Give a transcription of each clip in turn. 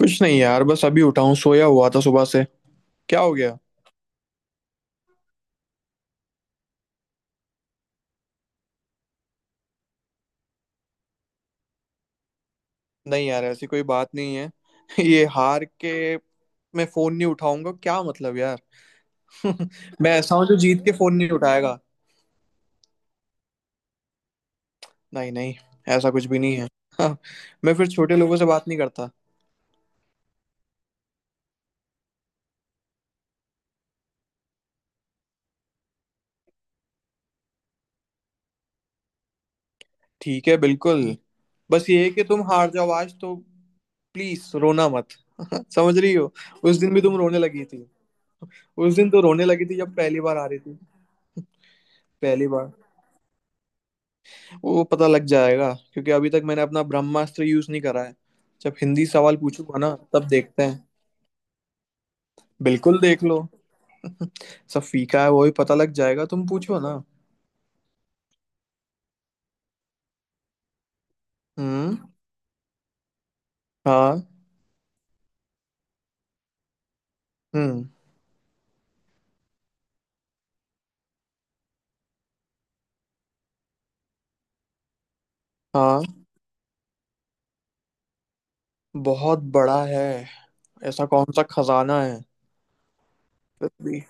कुछ नहीं यार, बस अभी उठा हूँ। सोया हुआ था सुबह से। क्या हो गया। नहीं यार, ऐसी कोई बात नहीं है। ये हार के मैं फोन नहीं उठाऊंगा क्या? मतलब यार। मैं ऐसा हूँ जो जीत के फोन नहीं उठाएगा। नहीं नहीं, ऐसा कुछ भी नहीं है। हाँ। मैं फिर छोटे लोगों से बात नहीं करता। ठीक है बिल्कुल। बस ये है कि तुम हार जाओ आज तो। प्लीज रोना मत। समझ रही हो। उस दिन भी तुम रोने लगी थी। उस दिन तो रोने लगी थी जब पहली बार हारी थी। पहली बार। वो पता लग जाएगा क्योंकि अभी तक मैंने अपना ब्रह्मास्त्र यूज नहीं करा है। जब हिंदी सवाल पूछूंगा ना, तब देखते हैं। बिल्कुल देख लो। सब फीका है, वो भी पता लग जाएगा। तुम पूछो ना। हम्म। हाँ। हम्म। हाँ, बहुत बड़ा है। ऐसा कौन सा खजाना है? फिर भी।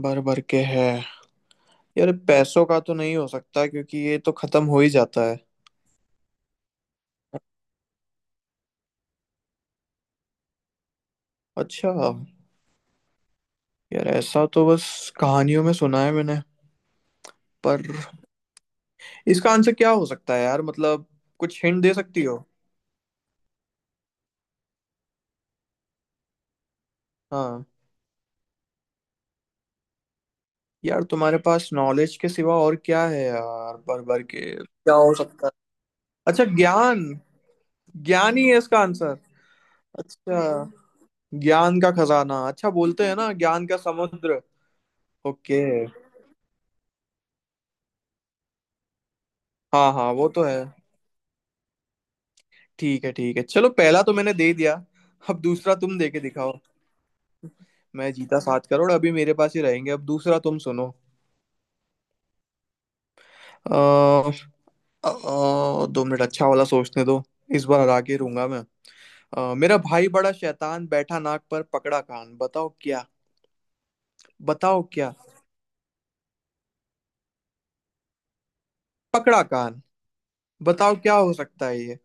भर भर के है। यार पैसों का तो नहीं हो सकता क्योंकि ये तो खत्म हो ही जाता है। अच्छा। यार ऐसा तो बस कहानियों में सुना है मैंने। पर इसका आंसर क्या हो सकता है यार? मतलब कुछ हिंट दे सकती हो? हाँ। यार तुम्हारे पास नॉलेज के सिवा और क्या है यार, भर भर के क्या हो सकता है। अच्छा ज्ञान। ज्ञान ही है इसका आंसर। अच्छा। ज्ञान का खजाना। अच्छा बोलते हैं ना, ज्ञान का समुद्र। ओके। हाँ हाँ, वो तो है। ठीक है ठीक है, चलो पहला तो मैंने दे दिया। अब दूसरा तुम दे के दिखाओ। मैं जीता 7 करोड़, अभी मेरे पास ही रहेंगे। अब दूसरा तुम सुनो। अ, अ, 2 मिनट, अच्छा वाला सोचने दो। इस बार हरा के रूंगा मैं। मेरा भाई बड़ा शैतान बैठा नाक पर पकड़ा कान। बताओ क्या। बताओ क्या। पकड़ा कान। बताओ क्या हो सकता है ये।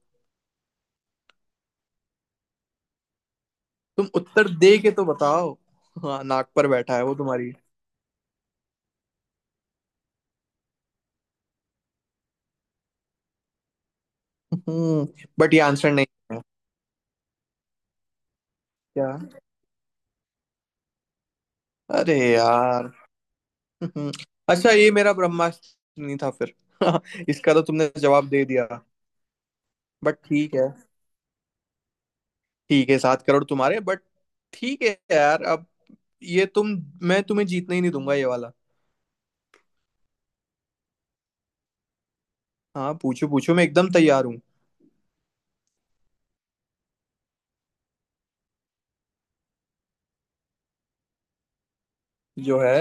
तुम उत्तर दे के तो बताओ। हाँ नाक पर बैठा है वो तुम्हारी। हम्म। बट ये आंसर नहीं है क्या? अरे यार। हम्म, अच्छा, ये मेरा ब्रह्मास्त्र नहीं था फिर। इसका तो तुमने जवाब दे दिया। बट ठीक है। ठीक है, 7 करोड़ तुम्हारे, बट ठीक है यार। अब ये तुम मैं तुम्हें जीतने ही नहीं दूंगा ये वाला। हाँ पूछो पूछो, मैं एकदम तैयार हूँ। जो है।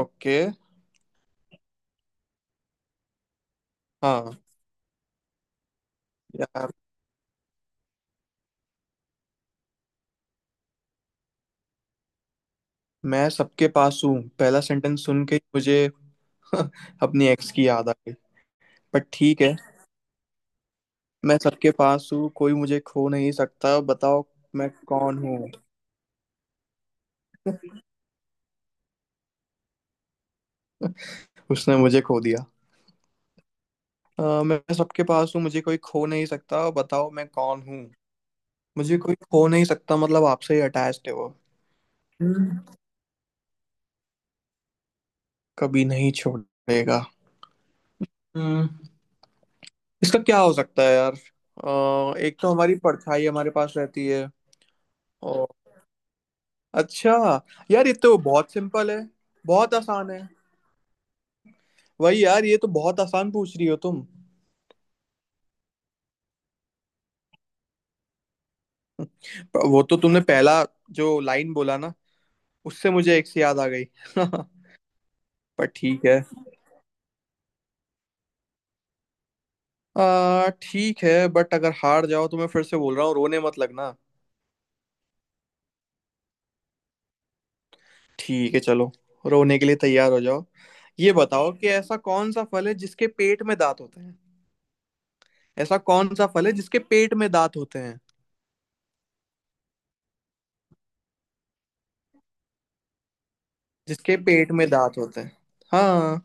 ओके। हाँ यार, मैं सबके पास हूँ पहला सेंटेंस सुन के ही मुझे अपनी एक्स की याद आ गई। पर ठीक है। मैं सबके पास हूँ, कोई मुझे खो नहीं सकता, बताओ मैं कौन हूँ। उसने मुझे खो दिया। मैं सबके पास हूँ, मुझे कोई खो नहीं सकता, बताओ मैं कौन हूँ। मुझे कोई खो नहीं सकता, मतलब आपसे ही अटैच्ड है वो। हम्म। कभी नहीं छोड़ेगा। हम्म। इसका क्या हो सकता है यार? एक तो हमारी परछाई हमारे पास रहती है। और अच्छा। यार ये तो बहुत सिंपल है, बहुत आसान है। वही यार, ये तो बहुत आसान पूछ रही हो तुम। पर वो तो तुमने पहला जो लाइन बोला ना, उससे मुझे एक से याद आ गई। पर ठीक है। आ ठीक है, बट अगर हार जाओ तो मैं फिर से बोल रहा हूँ, रोने मत लगना। ठीक है चलो, रोने के लिए तैयार हो जाओ। ये बताओ कि ऐसा कौन सा फल है जिसके पेट में दांत होते। ऐसा कौन सा फल है जिसके पेट में दांत होते हैं? जिसके पेट में दांत होते हैं। हाँ।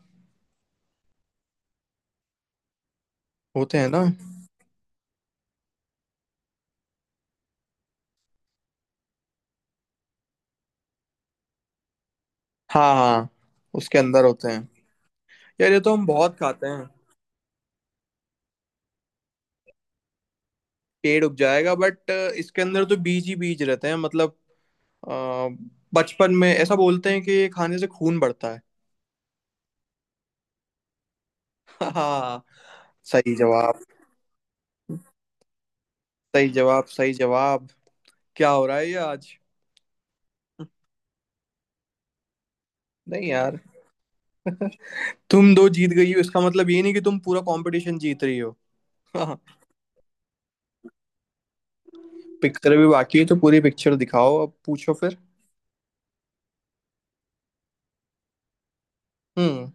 होते हैं ना। हाँ हाँ, उसके अंदर होते हैं। यार ये तो हम बहुत खाते हैं। पेड़ उग जाएगा, बट इसके अंदर तो बीज ही बीज रहते हैं मतलब। अ, बचपन में ऐसा बोलते हैं कि ये खाने से खून बढ़ता है। हाँ हाँ। सही जवाब। सही जवाब सही जवाब। क्या हो रहा है ये आज। नहीं यार, तुम दो जीत गई हो, इसका मतलब ये नहीं कि तुम पूरा कंपटीशन जीत रही हो। पिक्चर भी बाकी है, तो पूरी पिक्चर दिखाओ। अब पूछो फिर। हम्म।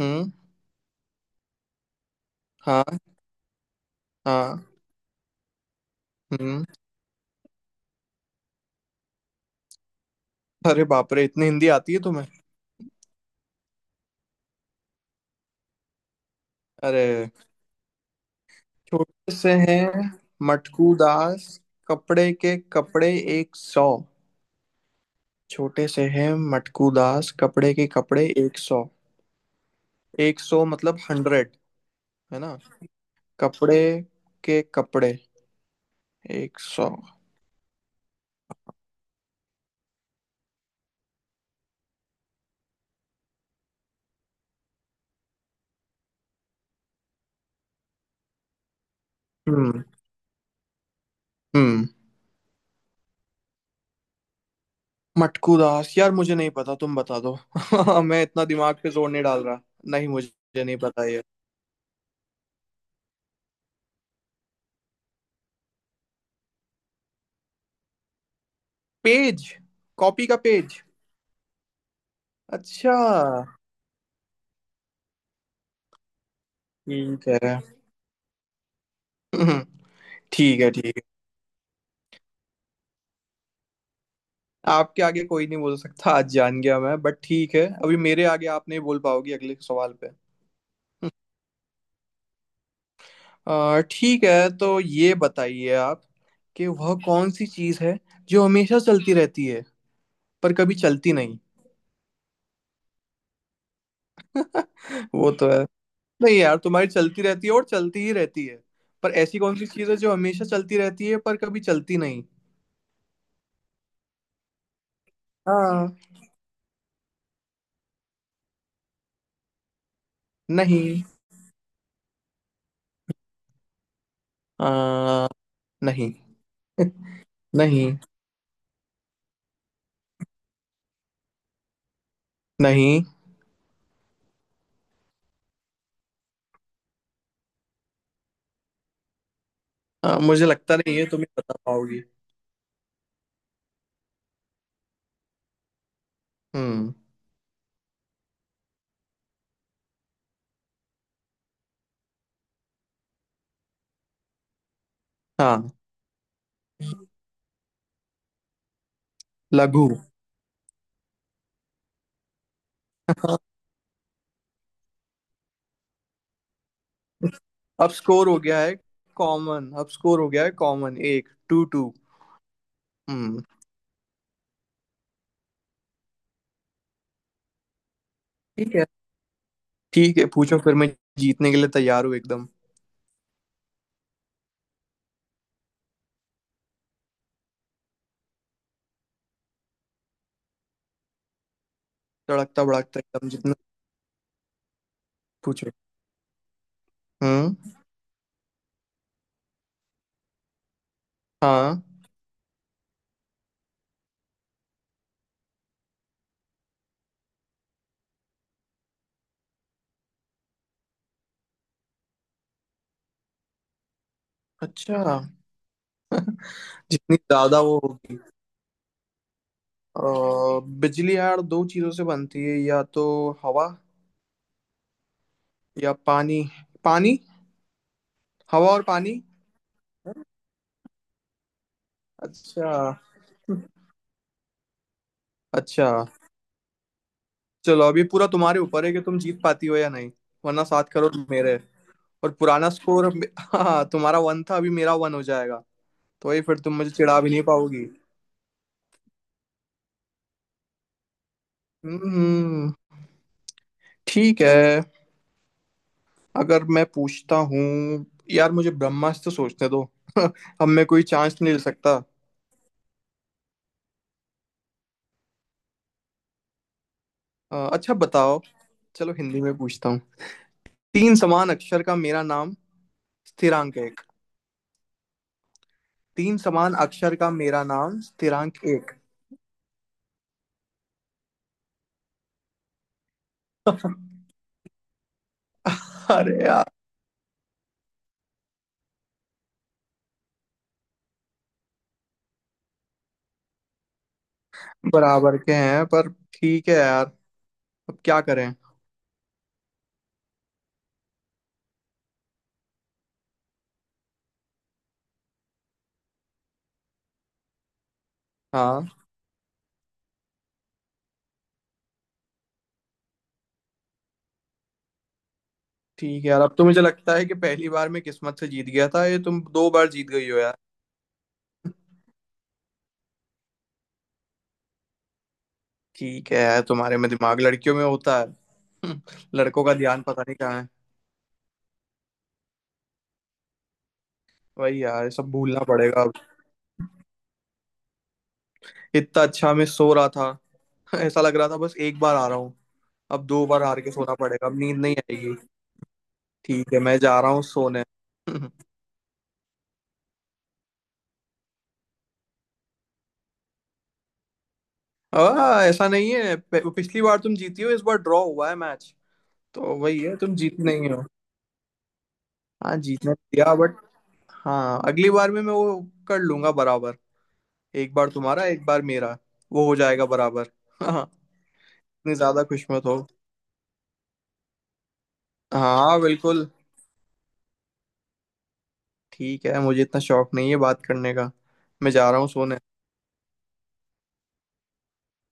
हम्म। हाँ। हाँ। हम्म। अरे बाप रे, इतनी हिंदी आती है तुम्हें। अरे। छोटे से हैं मटकू दास, कपड़े के कपड़े 100। छोटे से हैं मटकू दास, कपड़े के कपड़े एक सौ। एक सौ मतलब हंड्रेड, है ना। कपड़े के कपड़े 100। हम्म। हम्म। मटकू दास, यार मुझे नहीं पता, तुम बता दो। मैं इतना दिमाग पे जोर नहीं डाल रहा। नहीं, मुझे नहीं पता ये। पेज। कॉपी का पेज। अच्छा। ठीक है। हम्म, ठीक है ठीक है। आपके आगे कोई नहीं बोल सकता, आज जान गया मैं, बट ठीक है। अभी मेरे आगे आप नहीं बोल पाओगी अगले सवाल पे। ठीक है, तो ये बताइए आप कि वह कौन सी चीज है जो हमेशा चलती रहती है पर कभी चलती नहीं। वो तो है। नहीं यार, तुम्हारी चलती रहती है और चलती ही रहती है। पर ऐसी कौन सी चीज है जो हमेशा चलती रहती है पर कभी चलती नहीं? हाँ। नहीं। आ, नहीं। नहीं नहीं। हाँ मुझे लगता नहीं है तुम ही बता पाओगी। हम्म। हाँ। लघु। हाँ। अब स्कोर हो गया है अब स्कोर हो गया है कॉमन एक टू टू। हम्म। ठीक है ठीक है, पूछो फिर। मैं जीतने के लिए तैयार हूँ एकदम। तड़कता भड़कता एकदम जितना। पूछो। हम्म। हाँ। अच्छा। जितनी ज्यादा वो होगी। अ, बिजली यार दो चीजों से बनती है, या तो हवा या पानी। पानी। हवा और पानी। अच्छा। अच्छा चलो, अभी पूरा तुम्हारे ऊपर है कि तुम जीत पाती हो या नहीं। वरना 7 करोड़ मेरे हैं। और पुराना स्कोर। हाँ तुम्हारा वन था, अभी मेरा वन हो जाएगा। तो वही, फिर तुम मुझे चिढ़ा भी नहीं पाओगी। हम्म। ठीक है। अगर मैं पूछता हूँ। यार मुझे ब्रह्मास्त्र सोचने दो। अब मैं कोई चांस नहीं ले सकता। अच्छा बताओ। चलो हिंदी में पूछता हूँ। तीन समान अक्षर का मेरा नाम स्थिरांक एक। तीन समान अक्षर का मेरा नाम स्थिरांक एक। अरे। बराबर के हैं पर। ठीक है यार, अब क्या करें। हाँ। ठीक है यार, अब तो मुझे लगता है कि पहली बार मैं किस्मत से जीत गया था ये। तुम दो बार जीत गई हो यार। ठीक है यार, तुम्हारे में दिमाग, लड़कियों में होता है। लड़कों का ध्यान पता नहीं कहाँ है। वही यार, ये सब भूलना पड़ेगा अब। इतना अच्छा मैं सो रहा था। ऐसा लग रहा था बस, एक बार आ रहा हूँ। अब दो बार हार के सोना पड़ेगा, अब नींद नहीं आएगी। ठीक है, मैं जा रहा हूँ सोने। ऐसा नहीं है। पिछली बार तुम जीती हो, इस बार ड्रॉ हुआ है मैच। तो वही है, तुम जीत नहीं हो। हाँ जीतने दिया, बट हाँ अगली बार में मैं वो कर लूंगा बराबर। एक बार तुम्हारा, एक बार मेरा, वो हो जाएगा बराबर। हाँ। इतनी ज्यादा खुश मत हो। हाँ बिल्कुल। ठीक है, मुझे इतना शौक नहीं है बात करने का। मैं जा रहा हूँ सोने।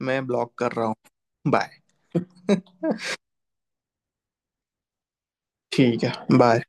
मैं ब्लॉक कर रहा हूँ। बाय। ठीक है बाय।